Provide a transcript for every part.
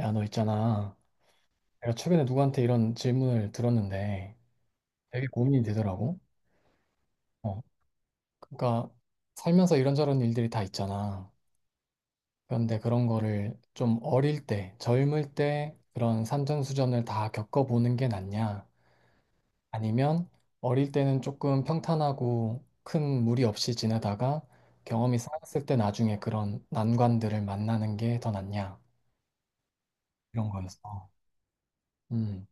야, 너 있잖아. 내가 최근에 누구한테 이런 질문을 들었는데 되게 고민이 되더라고. 어, 그러니까 살면서 이런저런 일들이 다 있잖아. 그런데 그런 거를 좀 어릴 때, 젊을 때 그런 산전수전을 다 겪어보는 게 낫냐? 아니면 어릴 때는 조금 평탄하고 큰 무리 없이 지내다가 경험이 쌓였을 때 나중에 그런 난관들을 만나는 게 더 낫냐? 이런 거였어. 음.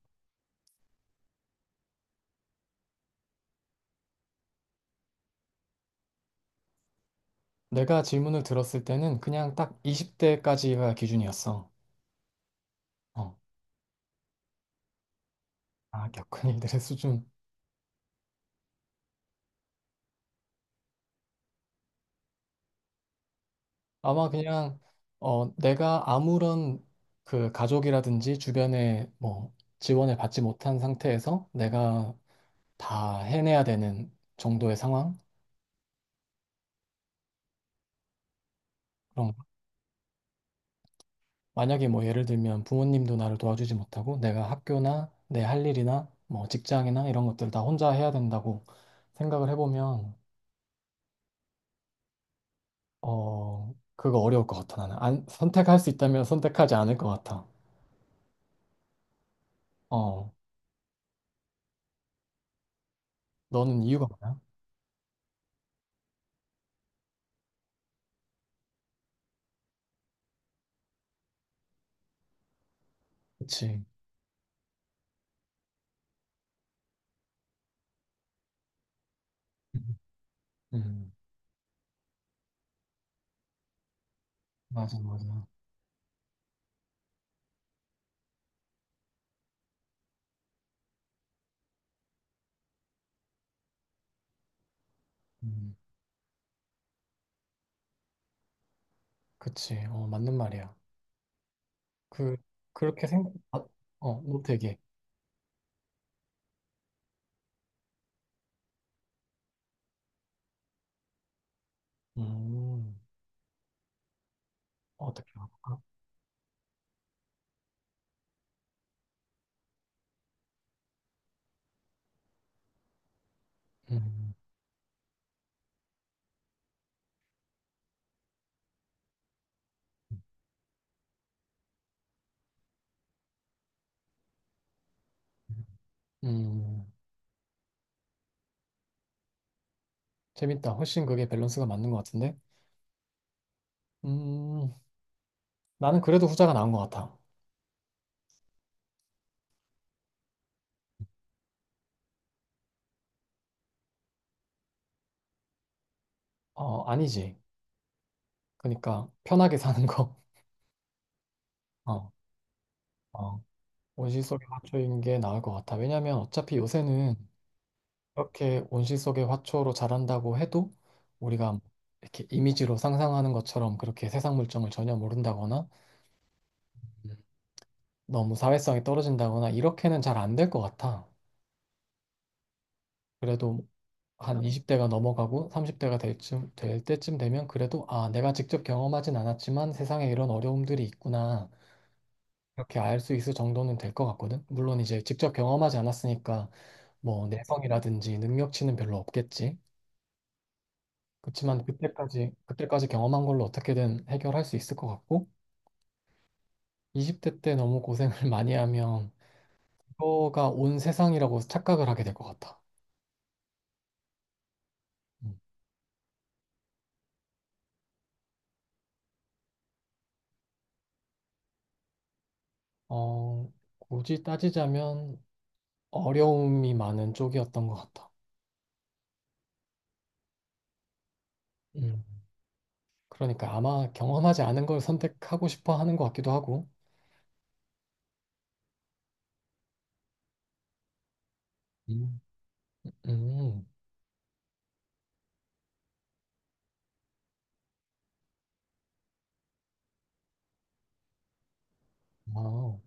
내가 질문을 들었을 때는 그냥 딱 20대까지가 기준이었어. 어, 아, 격언이들의 수준. 아마 그냥 내가 아무런 그 가족이라든지 주변에 뭐 지원을 받지 못한 상태에서 내가 다 해내야 되는 정도의 상황? 그런 거. 만약에 뭐 예를 들면 부모님도 나를 도와주지 못하고 내가 학교나 내 할 일이나 뭐 직장이나 이런 것들을 다 혼자 해야 된다고 생각을 해보면 그거 어려울 것 같아, 나는. 안, 선택할 수 있다면 선택하지 않을 것 같아. 어, 너는 이유가 뭐야? 그치. 음, 음, 맞아, 맞아. 음, 그치. 맞는 말이야. 그, 그렇게 생각, 아, 어, 너 되게. 음, 어떻게 할까? 음, 음, 재밌다. 훨씬 그게 밸런스가 맞는 것 같은데? 음, 나는 그래도 후자가 나은 것 같아. 아니지. 그러니까, 편하게 사는 거. 어, 어. 온실 속의 화초인 게 나을 것 같아. 왜냐면 어차피 요새는 이렇게 온실 속의 화초로 자란다고 해도 우리가 뭐 이렇게 이미지로 상상하는 것처럼 그렇게 세상 물정을 전혀 모른다거나 음. 너무 사회성이 떨어진다거나 이렇게는 잘 안 될 것 같아. 그래도 한 20대가 넘어가고 30대가 될 때쯤 되면 그래도 아, 내가 직접 경험하진 않았지만 세상에 이런 어려움들이 있구나. 이렇게 알 수 있을 정도는 될 것 같거든. 물론 이제 직접 경험하지 않았으니까 뭐 내성이라든지 능력치는 별로 없겠지. 그렇지만 그때까지 경험한 걸로 어떻게든 해결할 수 있을 것 같고 20대 때 너무 고생을 많이 하면 이거가 온 세상이라고 착각을 하게 될 것 같아. 음. 어, 굳이 따지자면 어려움이 많은 쪽이었던 것 같아. 음. 그러니까 아마 경험하지 않은 걸 선택하고 싶어 하는 것 같기도 하고. 음. 음. 아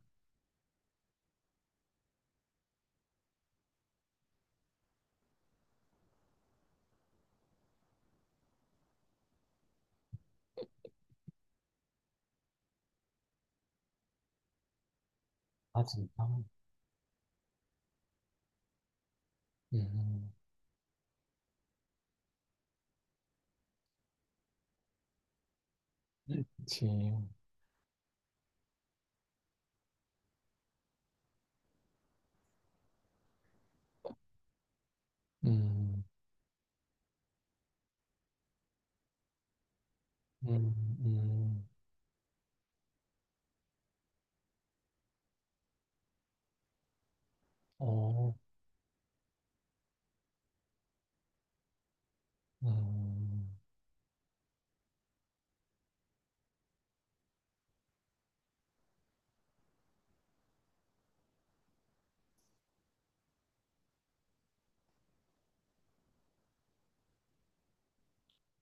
아, 진짜. 음, 그치. 음, 음, 어, 음.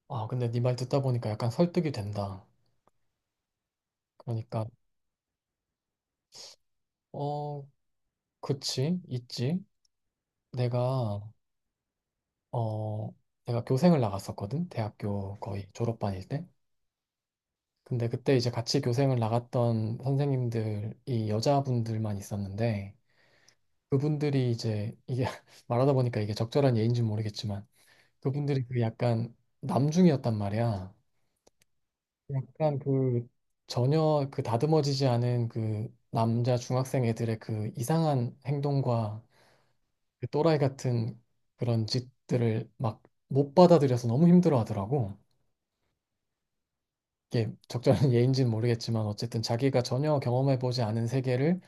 아, 근데 네 말 듣다 보니까 약간 설득이 된다. 그러니까, 어, 그치, 있지. 내가, 어, 내가 교생을 나갔었거든. 대학교 거의 졸업반일 때. 근데 그때 이제 같이 교생을 나갔던 선생님들이 여자분들만 있었는데, 그분들이 이제, 이게 말하다 보니까 이게 적절한 예인지 모르겠지만, 그분들이 그 약간 남중이었단 말이야. 약간 그 전혀 그 다듬어지지 않은 그 남자 중학생 애들의 그 이상한 행동과 그 또라이 같은 그런 짓들을 막 못 받아들여서 너무 힘들어 하더라고. 이게 적절한 예인지는 모르겠지만 어쨌든 자기가 전혀 경험해보지 않은 세계를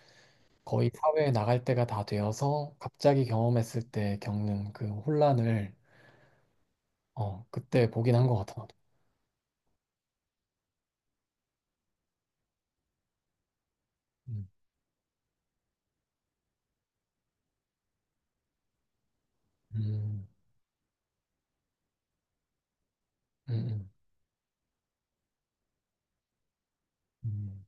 거의 사회에 나갈 때가 다 되어서 갑자기 경험했을 때 겪는 그 혼란을 그때 보긴 한 것 같아. 나도. 음, 음, 음, 음,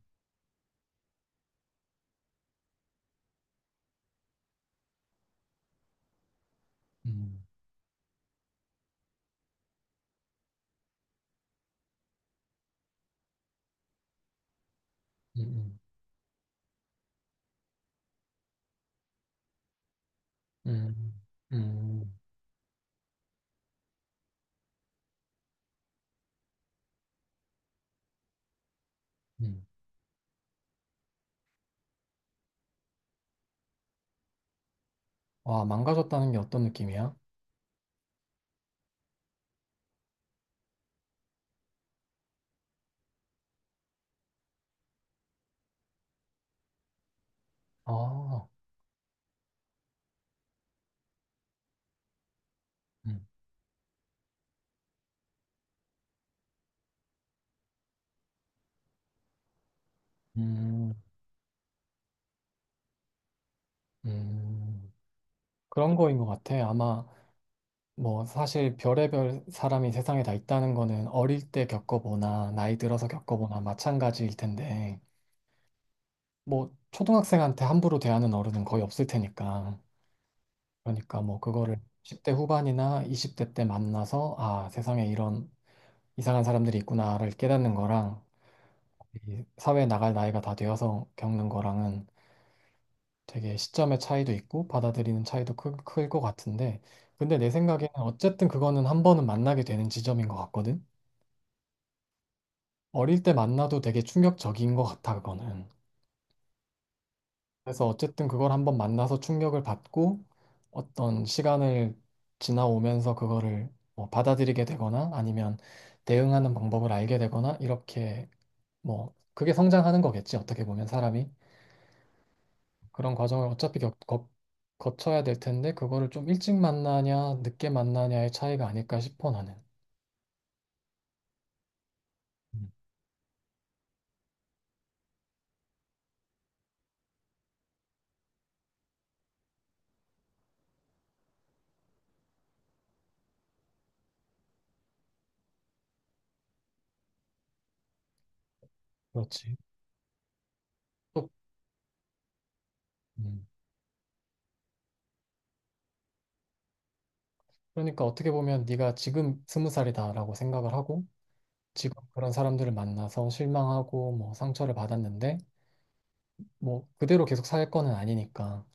음, 음, 음, 음. 음. 와, 망가졌다는 게 어떤 느낌이야? 아, 음, 음, 음. 그런 거인 것 같아. 아마 뭐 사실 별의별 사람이 세상에 다 있다는 거는 어릴 때 겪어보나 나이 들어서 겪어보나 마찬가지일 텐데 뭐 초등학생한테 함부로 대하는 어른은 거의 없을 테니까. 그러니까 뭐 그거를 10대 후반이나 20대 때 만나서 아, 세상에 이런 이상한 사람들이 있구나를 깨닫는 거랑 이 사회에 나갈 나이가 다 되어서 겪는 거랑은 되게 시점의 차이도 있고 받아들이는 차이도 클 것 같은데 근데 내 생각에는 어쨌든 그거는 한 번은 만나게 되는 지점인 것 같거든. 어릴 때 만나도 되게 충격적인 것 같아 그거는. 그래서 어쨌든 그걸 한번 만나서 충격을 받고 어떤 시간을 지나오면서 그거를 뭐 받아들이게 되거나 아니면 대응하는 방법을 알게 되거나 이렇게 뭐 그게 성장하는 거겠지 어떻게 보면 사람이. 그런 과정을 어차피 거쳐야 될 텐데 그거를 좀 일찍 만나냐 늦게 만나냐의 차이가 아닐까 싶어 나는. 음, 그렇지. 또, 음, 그러니까 어떻게 보면 네가 지금 스무 살이다라고 생각을 하고 지금 그런 사람들을 만나서 실망하고 뭐 상처를 받았는데 뭐 그대로 계속 살 거는 아니니까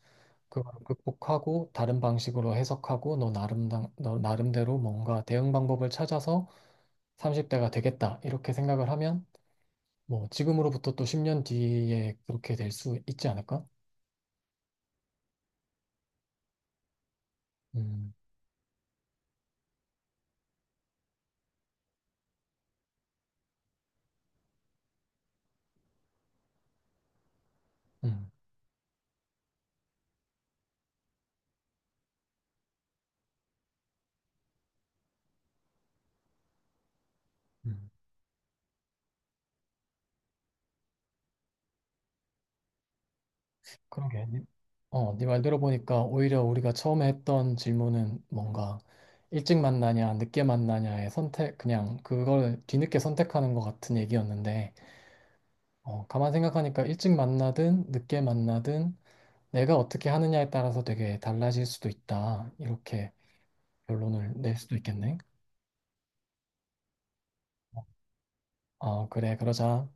그걸 극복하고 다른 방식으로 해석하고 너 나름대로 뭔가 대응 방법을 찾아서 30대가 되겠다 이렇게 생각을 하면 뭐 지금으로부터 또 10년 뒤에 그렇게 될 수 있지 않을까? 음, 음, 음. 그러게. 네 말대로 보니까 오히려 우리가 처음에 했던 질문은 뭔가 일찍 만나냐, 늦게 만나냐의 선택, 그냥 그걸 뒤늦게 선택하는 것 같은 얘기였는데, 가만 생각하니까 일찍 만나든 늦게 만나든 내가 어떻게 하느냐에 따라서 되게 달라질 수도 있다. 이렇게 결론을 낼 수도 있겠네. 어, 그래, 그러자.